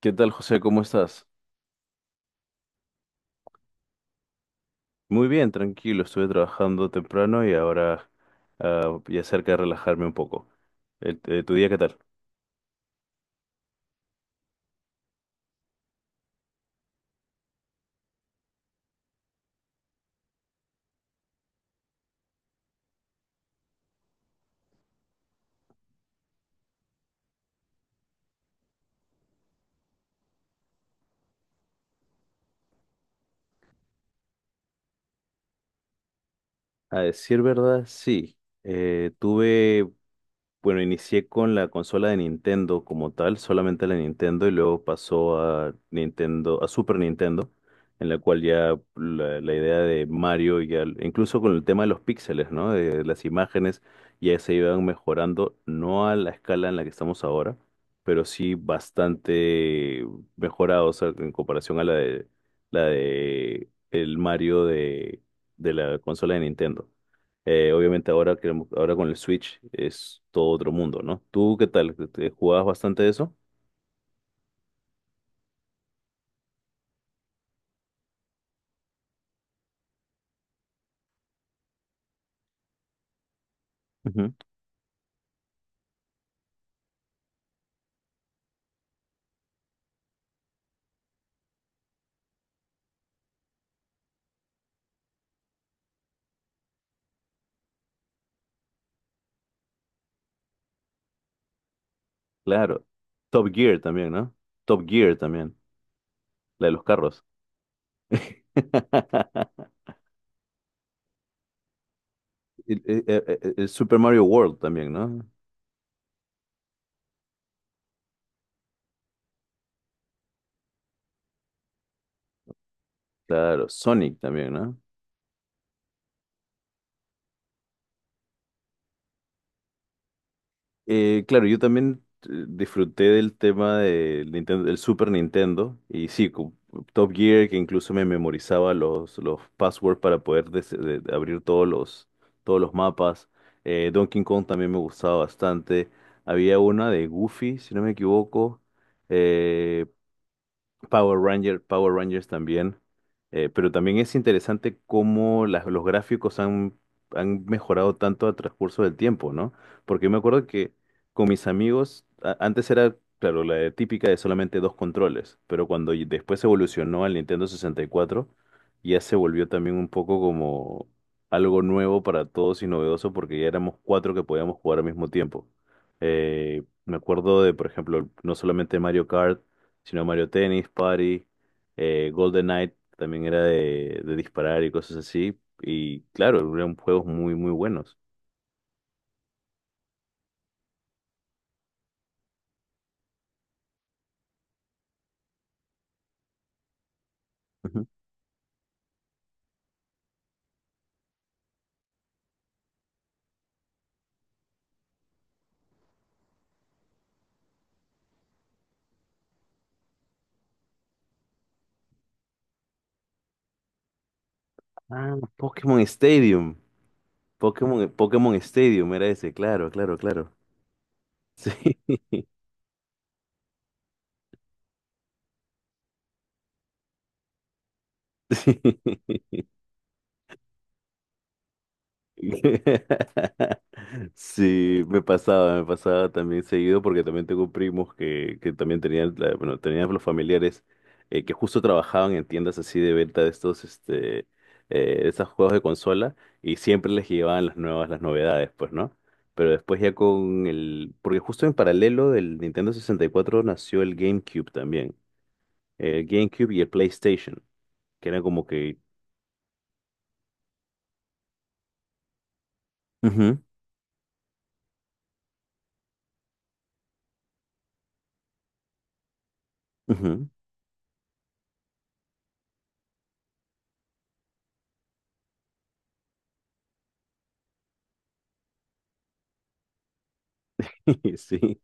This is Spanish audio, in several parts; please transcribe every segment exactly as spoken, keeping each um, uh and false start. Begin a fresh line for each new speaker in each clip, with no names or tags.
¿Qué tal, José? ¿Cómo estás? Muy bien, tranquilo. Estuve trabajando temprano y ahora ah, ya cerca de relajarme un poco. El- eh, ¿tu día qué tal? A decir verdad, sí. Eh, tuve Bueno, inicié con la consola de Nintendo como tal, solamente la Nintendo, y luego pasó a Nintendo, a Super Nintendo, en la cual ya la, la idea de Mario, ya, incluso con el tema de los píxeles, ¿no? De las imágenes, ya se iban mejorando, no a la escala en la que estamos ahora, pero sí bastante mejorados o en comparación a la de la de el Mario de, de la consola de Nintendo. Eh, obviamente ahora, que, ahora con el Switch es todo otro mundo, ¿no? ¿Tú qué tal? ¿Te te jugabas bastante eso? Ujú. Claro. Top Gear también, ¿no? Top Gear también, la de los carros. El, el- el- el Super Mario World también, ¿no? Claro, Sonic también, ¿no? Eh, claro, yo también eh, disfruté del tema del Nintendo, del Super Nintendo y sí, con Top Gear que incluso me memorizaba los, los passwords para poder des- de- de abrir todos los, todos los mapas. Eh, Donkey Kong también me gustaba bastante. Había una de Goofy, si no me equivoco. Eh, Power Ranger, Power Rangers también. Eh, pero también es interesante cómo las- los gráficos han, han mejorado tanto a transcurso del tiempo, ¿no? Porque yo me acuerdo que con mis amigos, a- antes era, claro, la de típica de solamente dos controles, pero cuando y- después evolucionó al Nintendo sesenta y cuatro, ya se volvió también un poco como algo nuevo para todos y novedoso porque ya éramos cuatro que podíamos jugar al mismo tiempo. Eh, me acuerdo de, por ejemplo, no solamente Mario Kart, sino Mario Tennis, Party, eh, Golden Knight también era de, de disparar y cosas así. Y claro, eran juegos muy, muy buenos. Ujú. Ah, Pokémon Stadium. Pokémon, Pokémon Stadium era ese, claro, claro, claro. Sí. Sí. Sí, me pasaba, me pasaba también seguido porque también tengo primos que, que también tenían, la- bueno, tenían los familiares eh, que justo trabajaban en tiendas así de venta de estos, este, eh, de estos juegos de consola y siempre les llevaban las nuevas, las novedades, pues, ¿no? Pero después ya con el, porque justo en paralelo del Nintendo sesenta y cuatro nació el GameCube también, el GameCube y el PlayStation, que era como que... Ujú, ujú. Sí.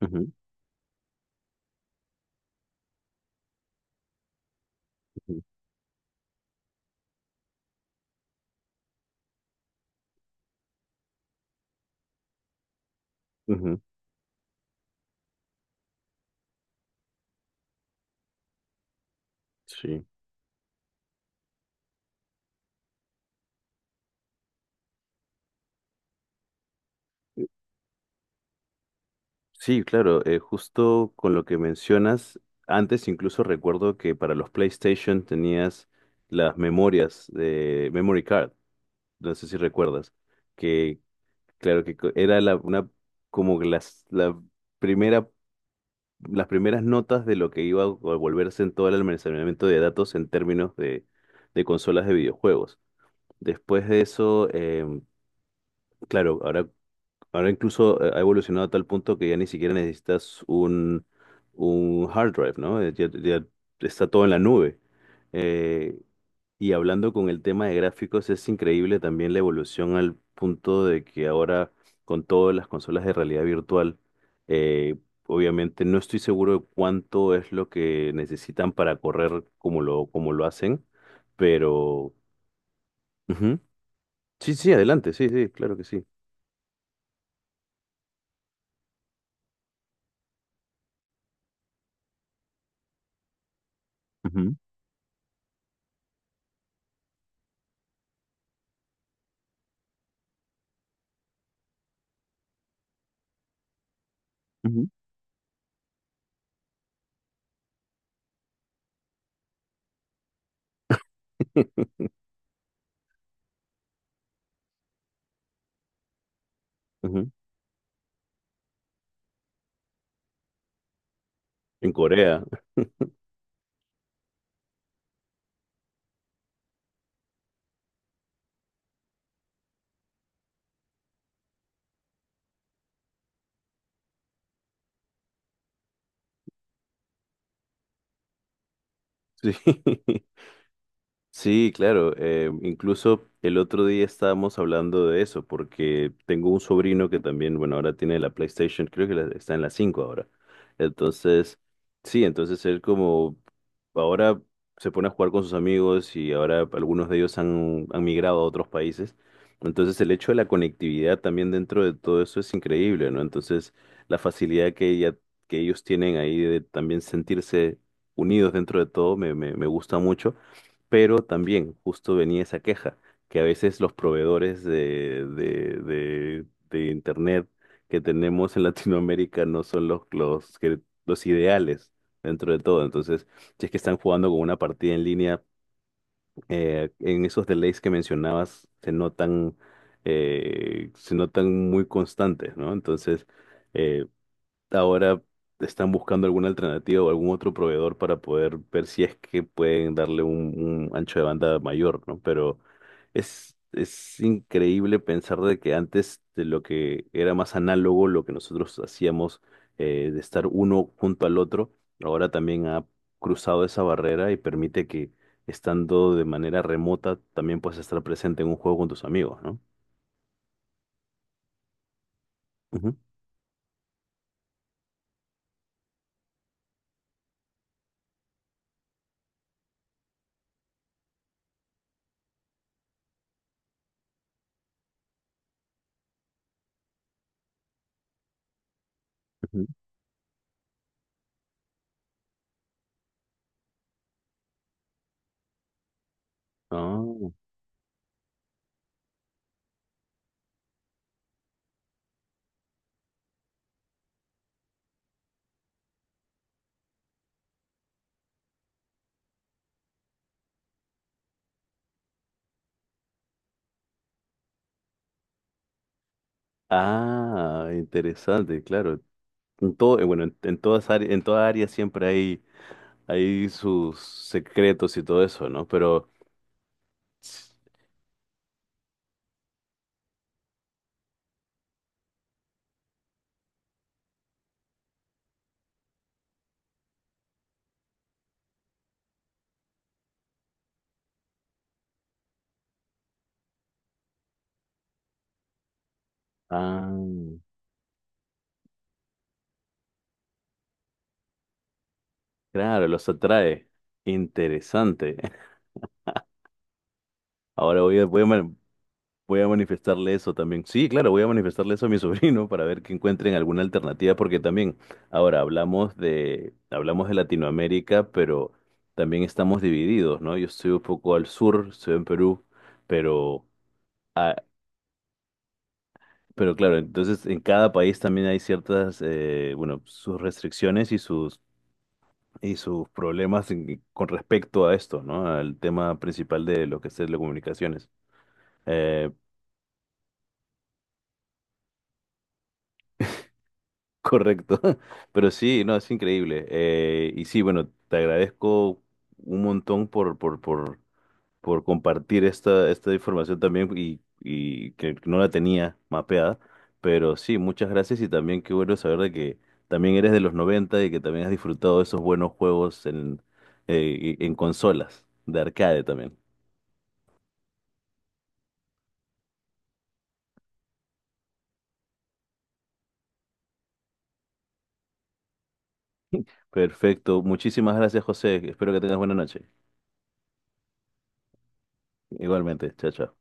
Ujú, ujú, ujú. Sí. Sí, claro, eh, justo con lo que mencionas, antes incluso recuerdo que para los PlayStation tenías las memorias de Memory Card, no sé si recuerdas, que claro que co- era la, una, como que las, la primera, las primeras notas de lo que iba a volverse en todo el almacenamiento de datos en términos de, de consolas de videojuegos. Después de eso, em, claro, ahora Ahora incluso eh, ha evolucionado a tal punto que ya ni siquiera necesitas un, un hard drive, ¿no? Eh, Ya, ya está todo en la nube. Eh, y hablando con el tema de gráficos, es increíble también la evolución al punto de que ahora con todas las consolas de realidad virtual, eh, obviamente no estoy seguro de cuánto es lo que necesitan para correr como lo, como lo hacen, pero... Ujú. Sí, sí, adelante, sí, sí, claro que sí. Ujú, ujú. Ujú. En Corea. Sí. Sí, claro. eh, incluso el otro día estábamos hablando de eso, porque tengo un sobrino que también, bueno, ahora tiene la PlayStation, creo que la- está en la cinco ahora. Entonces, sí, entonces él como ahora se pone a jugar con sus amigos y ahora algunos de ellos han, han migrado a otros países. Entonces el hecho de la conectividad también dentro de todo eso es increíble, ¿no? Entonces la facilidad que, ella- que ellos tienen ahí de también sentirse unidos dentro de todo me, me me gusta mucho, pero también justo venía esa queja, que a veces los proveedores de, de, de, de Internet que tenemos en Latinoamérica no son los, los, que- los ideales dentro de todo. Entonces, si es que están jugando con una partida en línea, eh, en esos delays que mencionabas se notan, eh, se notan muy constantes, ¿no? Entonces... eh, ahora están buscando alguna alternativa o algún otro proveedor para poder ver si es que pueden darle un, un ancho de banda mayor, ¿no? Pero es, es increíble pensar de que antes de lo que era más análogo, lo que nosotros hacíamos eh, de estar uno junto al otro, ahora también ha cruzado esa barrera y permite que estando de manera remota también puedas estar presente en un juego con tus amigos, ¿no? Ujú, ujú. Ah, ah, interesante, claro. En todo, eh, bueno, en, en todas áreas, en toda área siempre hay, hay sus secretos y todo eso, ¿no? Pero, ah, claro, los atrae. Interesante. Ahora voy a, voy a, ma- voy a manifestarle eso también. Sí, claro, voy a manifestarle eso a mi sobrino para ver que encuentren alguna alternativa, porque también, ahora hablamos de, hablamos de Latinoamérica, pero también estamos divididos, ¿no? Yo estoy un poco al sur, estoy en Perú, pero... Ah, pero claro, entonces en cada país también hay ciertas, eh, bueno, sus restricciones y sus, y sus problemas en- con respecto a esto, ¿no? Al tema principal de lo que es telecomunicaciones. Eh, correcto. Pero sí, no, es increíble. Eh, y sí, bueno, te agradezco un montón por, por, por por compartir esta, esta información también y, y que no la tenía mapeada. Pero sí, muchas gracias y también qué bueno saber de que también eres de los noventa y que también has disfrutado de esos buenos juegos en, eh, y- en consolas, de arcade también. Perfecto, muchísimas gracias, José, espero que tengas buena noche. Igualmente, chao, chao.